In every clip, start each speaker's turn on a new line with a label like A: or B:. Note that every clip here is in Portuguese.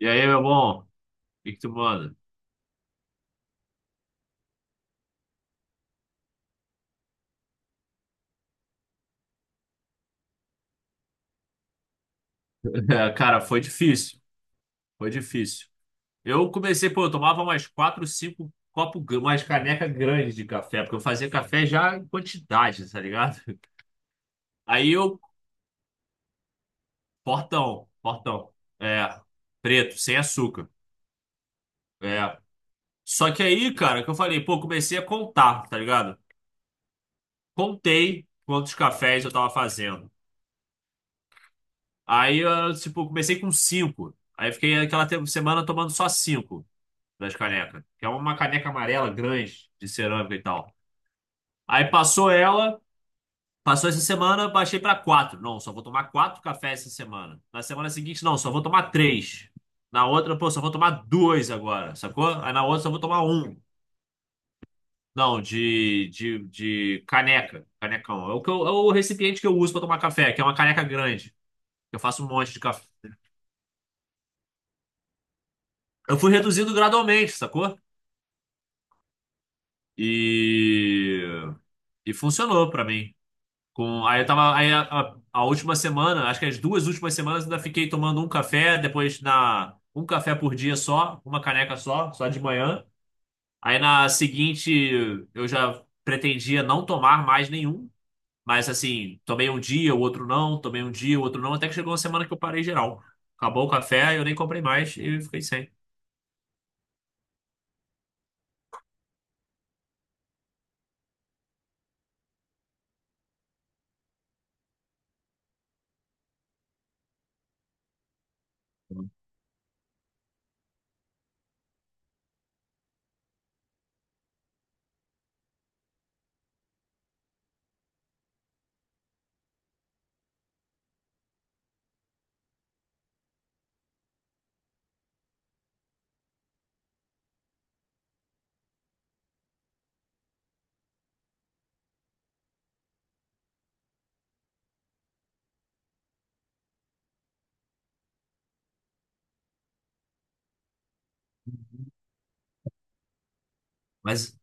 A: E aí, meu bom? O que que tu manda? É, cara, foi difícil. Foi difícil. Eu comecei, pô, eu tomava mais quatro, cinco copos, umas caneca grandes de café, porque eu fazia café já em quantidade, tá ligado? Aí eu, portão, portão, é, preto, sem açúcar, é. Só que aí, cara, que eu falei, pô, comecei a contar, tá ligado? Contei quantos cafés eu tava fazendo. Aí, eu, tipo, comecei com cinco. Aí fiquei aquela semana tomando só cinco. Das canecas, que é uma caneca amarela grande de cerâmica e tal. Aí passou essa semana, baixei pra quatro. Não, só vou tomar quatro cafés essa semana. Na semana seguinte, não, só vou tomar três. Na outra, pô, só vou tomar dois agora, sacou? Aí na outra, só vou tomar um. Não, de caneca, canecão. É o recipiente que eu uso pra tomar café, que é uma caneca grande. Eu faço um monte de café. Eu fui reduzindo gradualmente, sacou? E, e funcionou pra mim. Aí eu tava. Aí a última semana, acho que as 2 últimas semanas, ainda fiquei tomando um café, depois na. Um café por dia só, uma caneca só, só de manhã. Aí na seguinte eu já pretendia não tomar mais nenhum. Mas assim, tomei um dia, o outro não, tomei um dia, o outro não, até que chegou uma semana que eu parei geral. Acabou o café, eu nem comprei mais e fiquei sem. Mas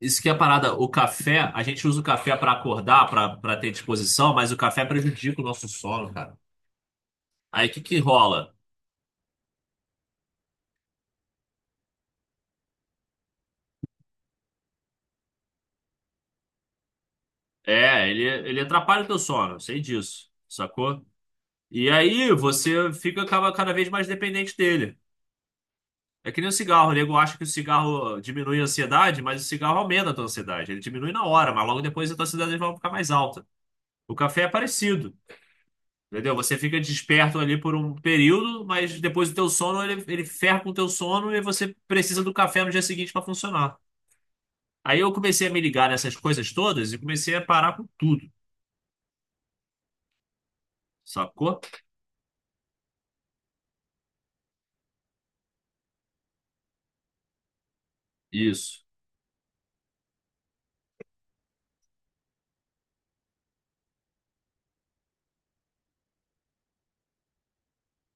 A: isso que é a parada, o café, a gente usa o café pra acordar, pra para ter disposição, mas o café prejudica o nosso sono, cara. Aí o que que rola? É, ele atrapalha o teu sono, eu sei disso, sacou? E aí você fica cada vez mais dependente dele. É que nem o cigarro, o nego acha que o cigarro diminui a ansiedade, mas o cigarro aumenta a tua ansiedade. Ele diminui na hora, mas logo depois a tua ansiedade vai ficar mais alta. O café é parecido, entendeu? Você fica desperto ali por um período, mas depois o teu sono, ele ferra com o teu sono e você precisa do café no dia seguinte para funcionar. Aí eu comecei a me ligar nessas coisas todas e comecei a parar com tudo, sacou? Isso.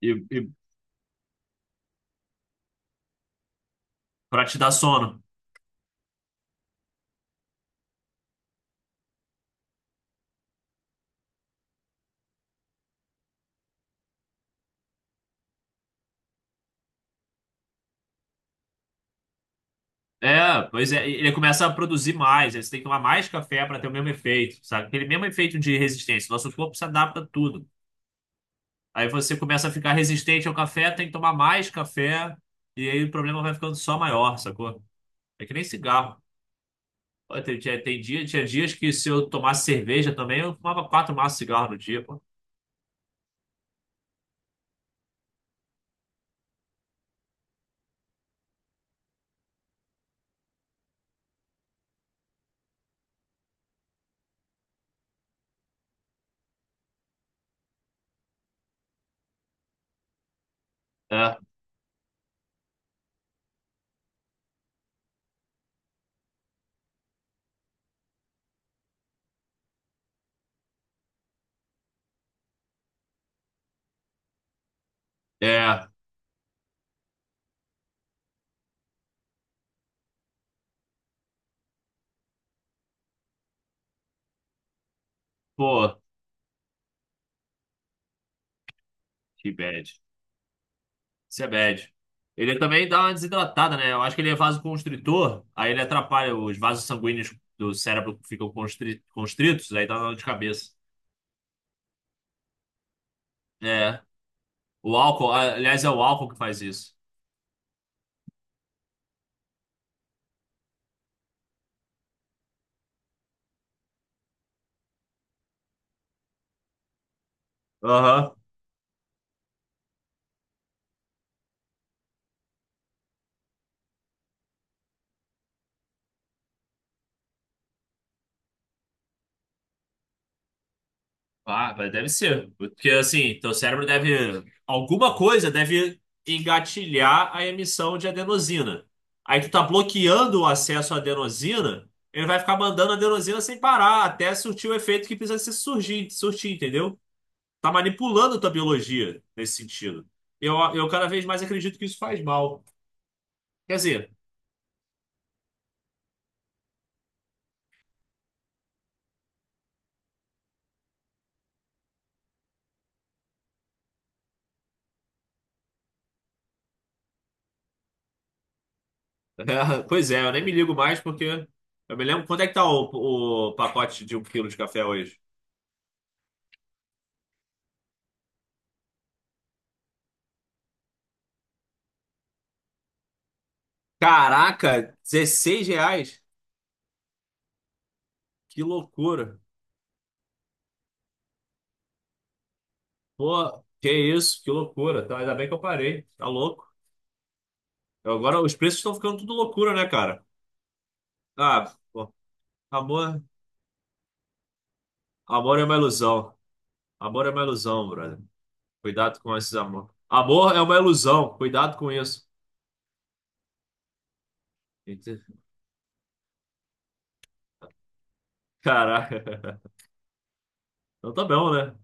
A: E, e Pra te dar sono. É, pois é, ele começa a produzir mais, aí você tem que tomar mais café para ter o mesmo efeito, sabe? Aquele mesmo efeito de resistência. Nosso corpo se adapta a tudo. Aí você começa a ficar resistente ao café, tem que tomar mais café, e aí o problema vai ficando só maior, sacou? É que nem cigarro. Pô, Tem, tinha- tem dia, tinha dias que se eu tomasse cerveja também, eu fumava quatro maços de cigarro no dia, pô. É, é, pô, que bad. Sebed. Ele também dá uma desidratada, né? Eu acho que ele é vasoconstritor, aí ele atrapalha os vasos sanguíneos do cérebro que ficam constritos, aí dá dor de cabeça. É. O álcool, aliás, é o álcool que faz isso. Aham. Ah, mas deve ser. Porque assim, teu cérebro deve. Alguma coisa deve engatilhar a emissão de adenosina. Aí tu tá bloqueando o acesso à adenosina, ele vai ficar mandando adenosina sem parar, até surtir o efeito que precisa se surgir, surtir, entendeu? Tá manipulando tua biologia nesse sentido. Eu cada vez mais acredito que isso faz mal. Quer dizer, é, pois é, eu nem me ligo mais porque eu me lembro quanto é que tá o pacote de 1 quilo de café hoje. Caraca, R$ 16? Que loucura. Pô, que isso, que loucura. Tá, ainda bem que eu parei. Tá louco. Agora os preços estão ficando tudo loucura, né, cara? Ah, pô, amor, amor é uma ilusão. Amor é uma ilusão, brother. Cuidado com esses amor. Amor é uma ilusão. Cuidado com isso. Entendi. Caraca. Então tá bom, né?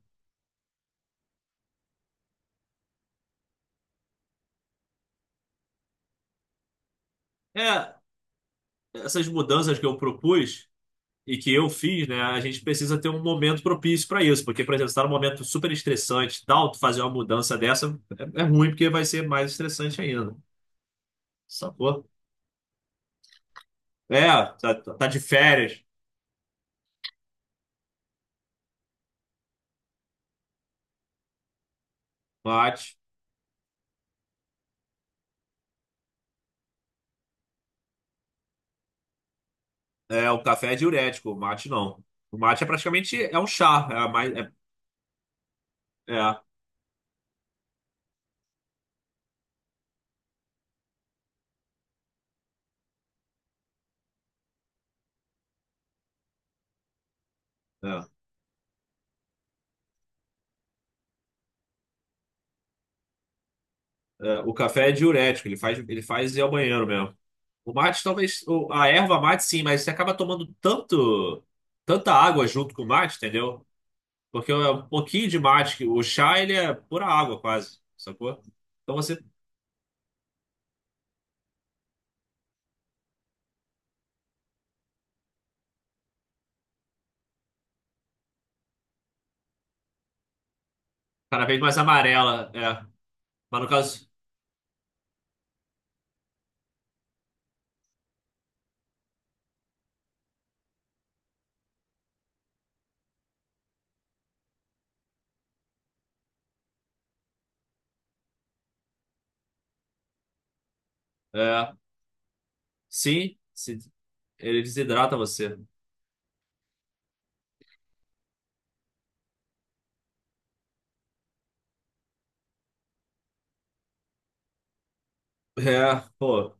A: É, essas mudanças que eu propus e que eu fiz, né? A gente precisa ter um momento propício para isso, porque, por exemplo, se tá num momento super estressante, e tal, tu fazer uma mudança dessa é ruim, porque vai ser mais estressante ainda. Sacou? É, tá, tá de férias, mate. É, o café é diurético, o mate não. O mate é praticamente é um chá, é mais é, é, é. O café é diurético, ele faz ir ao banheiro mesmo. O mate, talvez. A erva mate, sim, mas você acaba tomando tanto, tanta água junto com o mate, entendeu? Porque é um pouquinho de mate. Que O chá, ele é pura água, quase, sacou? Então você. Cada vez mais amarela, é. Mas no caso. É. Sim, ele desidrata você. É, pô.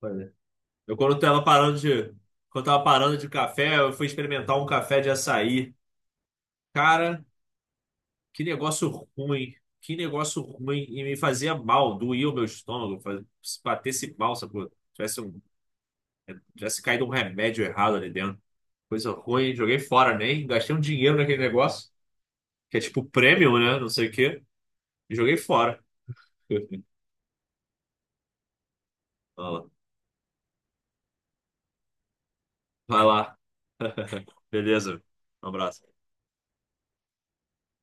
A: Olha. Eu quando tava parando de. Quando tava parando de café, eu fui experimentar um café de açaí. Cara. Que negócio ruim. Que negócio ruim. E me fazia mal, doía o meu estômago. Se batesse mal, sacou? Tivesse caído um remédio errado ali dentro. Coisa ruim. Joguei fora, nem. Gastei um dinheiro naquele negócio. Que é tipo prêmio, né? Não sei o quê. E joguei fora. Vai Vai lá. Beleza. Um abraço.